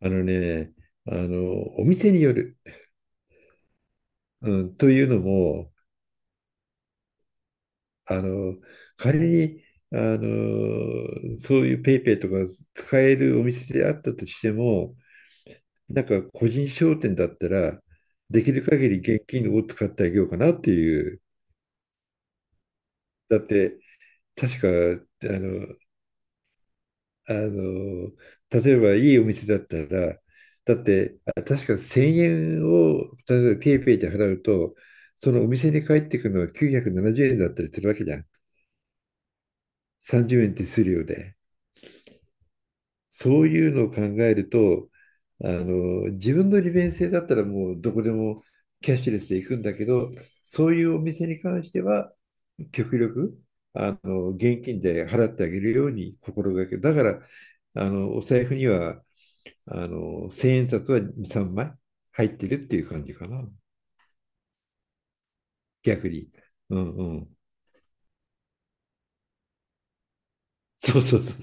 あのね、お店による。うん、というのも、あの、仮に、そういうペイペイとか使えるお店であったとしても、なんか個人商店だったら、できる限り現金を使ってあげようかなっていう。だって、確か、あの、あの、例えばいいお店だったら、だって、確か1000円を、例えばペイペイで払うと、そのお店に帰ってくるのは970円だったりするわけじゃん。30円手数料で。そういうのを考えると、自分の利便性だったらもうどこでもキャッシュレスで行くんだけど、そういうお店に関しては、極力、現金で払ってあげるように心がける、だから、お財布には、千円札は2、3枚入ってるっていう感じかな。逆に。うんうん。そうそうそう。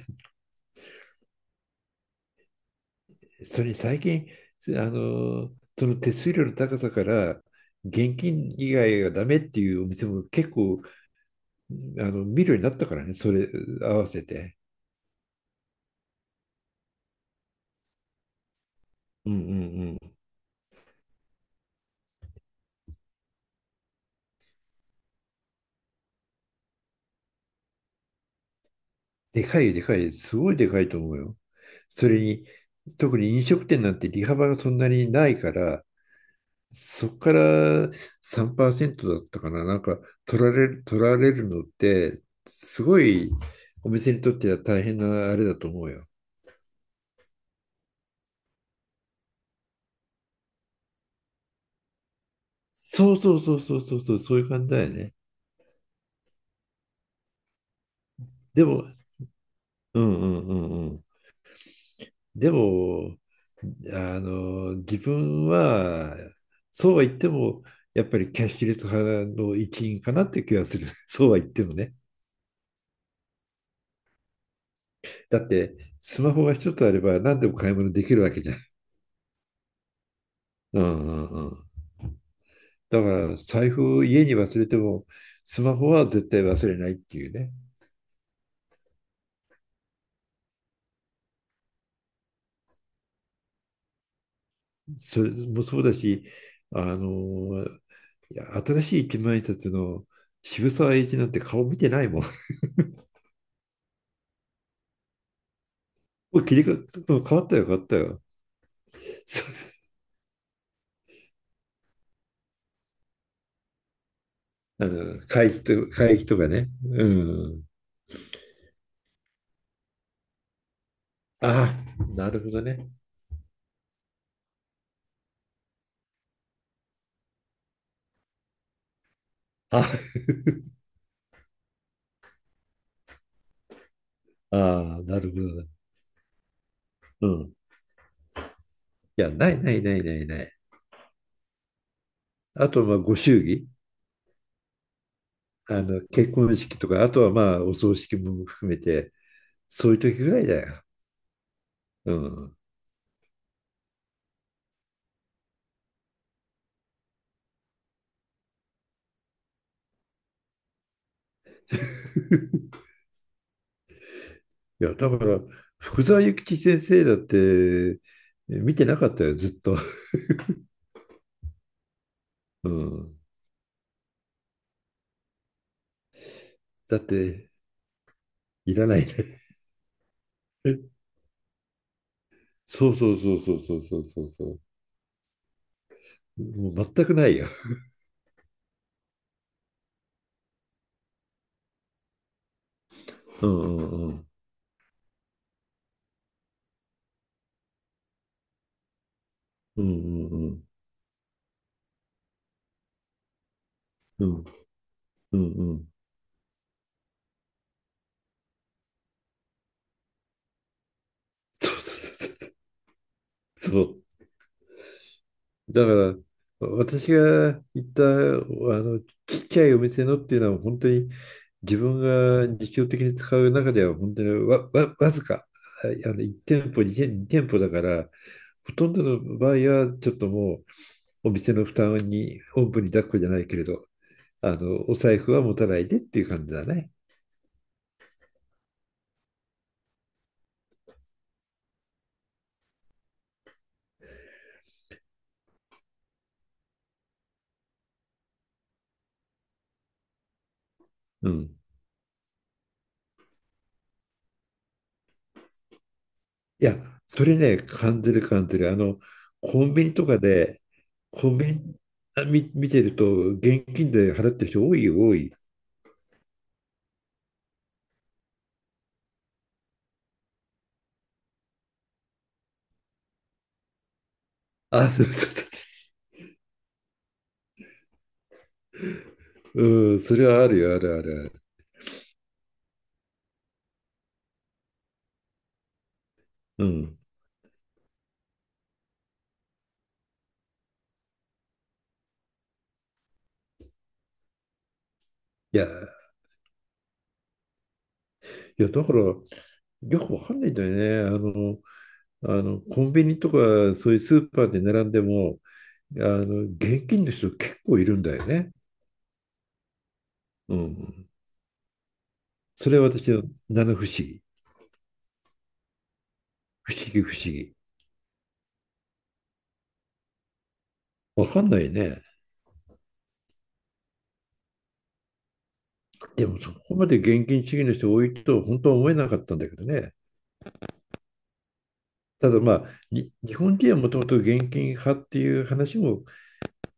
それに最近、あの、その手数料の高さから、現金以外がダメっていうお店も結構、見るようになったからね、それ合わせて。うんうんうん。でかいよ、でかい。すごいでかいと思うよ。それに、特に飲食店なんて利幅がそんなにないから、そこから3%だったかな、なんか取られるのって、すごいお店にとっては大変なあれだと思うよ。そうそうそうそうそうそう、そういう感じだよね。でも、うんうんうんうん。でも、自分は、そうは言っても、やっぱりキャッシュレス派の一員かなって気がする。そうは言ってもね。だって、スマホが一つあれば何でも買い物できるわけじゃん。うんうんうん。だから、財布を家に忘れても、スマホは絶対忘れないっていうね。それもそうだし、あの、いや、新しい一万円札の渋沢栄一なんて顔見てないもん。もう切り替わ変わったよ、変わったよ。会費とかね。うん。ああ、なるほどね。ああ、なるほどね。うん。いや、ないないないないない。あと、まあ、ご祝儀。結婚式とか、あとはまあ、お葬式も含めて、そういう時ぐらいだよ。うん。いや、だから、福沢諭吉先生だって、見てなかったよ、ずっと。うん。だって、いらないね。そうそうそうそうそうそうそうそう。もう全くないよ。うんうんうん。うんうんうん。うんうんうん。そうそうそうそう。そう。そうだから、私が行ったあのちっちゃいお店のっていうのは本当に自分が日常的に使う中では本当にわずか1店舗2店、に店舗だからほとんどの場合はちょっともうお店の負担におんぶに抱っこじゃないけれどお財布は持たないでっていう感じだね。うん。いや、それね、感じる感じる。コンビニとかで、コンビニあ見、見てると、現金で払ってる人多いよ、多い。あ、そうそうそう。うん、それはあるよ、あるあるある。うん。いや、いや、だから、よくわかんないんだよね。コンビニとか、そういうスーパーで並んでも、現金の人結構いるんだよね。うん。それは私の七不思議。不思議不思議。わかんないね。でもそこまで現金主義の人多いと本当は思えなかったんだけどね。ただまあ、日本人はもともと現金派っていう話も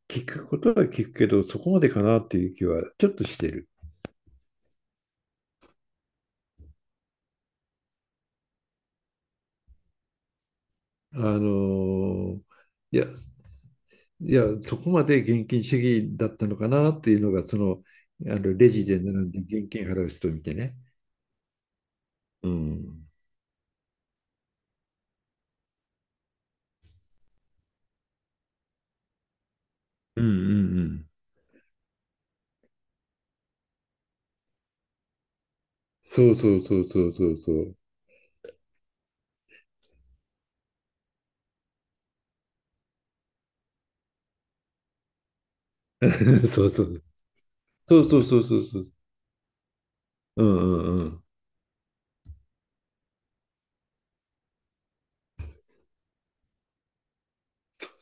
聞くことは聞くけど、そこまでかなっていう気はちょっとしてる。あのーいや、いや、そこまで現金主義だったのかなっていうのが、あのレジで並んで現金払う人を見てね。うん。うんうんうん。そうそうそうそうそうそう。そうそう。そうそうそうそうそう。うんうんうん。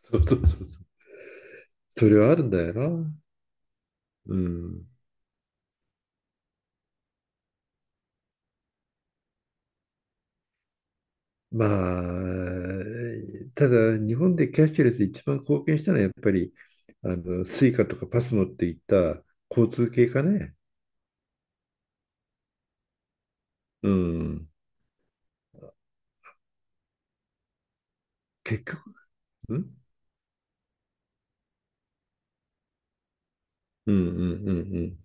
そうそうそうそれはあるんだよな。うん。まあ、ただ日本でキャッシュレス一番貢献したのはやっぱりあのスイカとかパスモっていった交通系かね。うん。結局、うんうんうんうん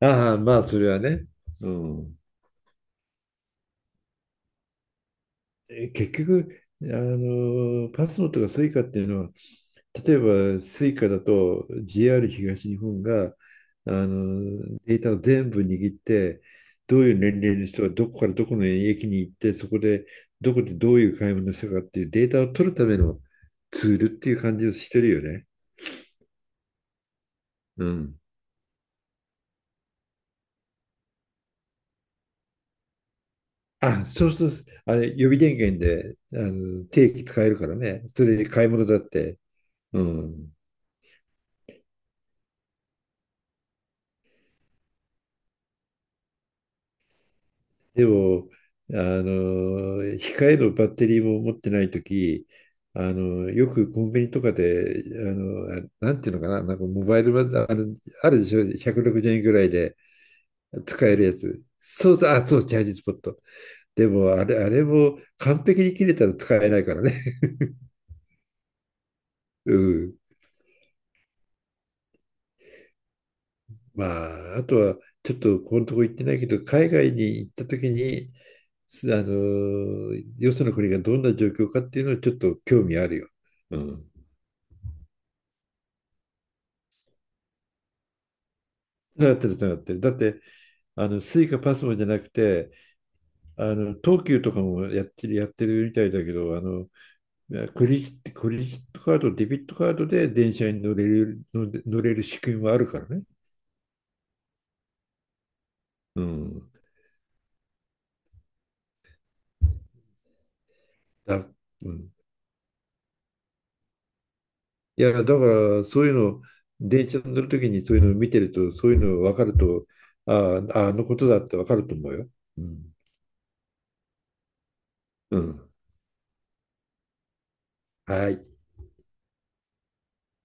うん。ああ、まあそれはね。うん。結局、パスモとかスイカっていうのは、例えばスイカだと JR 東日本があのデータを全部握ってどういう年齢の人がどこからどこの駅に行ってそこでどこでどういう買い物をしたかっていうデータを取るためのツールっていう感じをしてるよね。うん。あ、そうそう、あれ予備電源であの定期使えるからね。それで買い物だって。うん。でも、控えのバッテリーも持ってないとき、よくコンビニとかで、あなんていうのかな、なんかモバイルバある、あるでしょ、160円ぐらいで使えるやつ。そうそう、あ、そう、チャージスポット。でも、あれも完璧に切れたら使えないからね。うん。まあ、あとは、ちょっとこのとこ行ってないけど、海外に行ったときに、すあの、よその国がどんな状況かっていうのはちょっと興味あるよ。うん。つながってる、つながってる。だって、スイカパスモじゃなくて、東急とかもやってるみたいだけど、クレジットカード、デビットカードで電車に乗れる仕組みもあるからね。うん。だ、うん。いや、だから、そういうの、電車に乗るときにそういうのを見てると、そういうの分かると、ああ、あのことだって分かると思うよ。うん。うん。はい。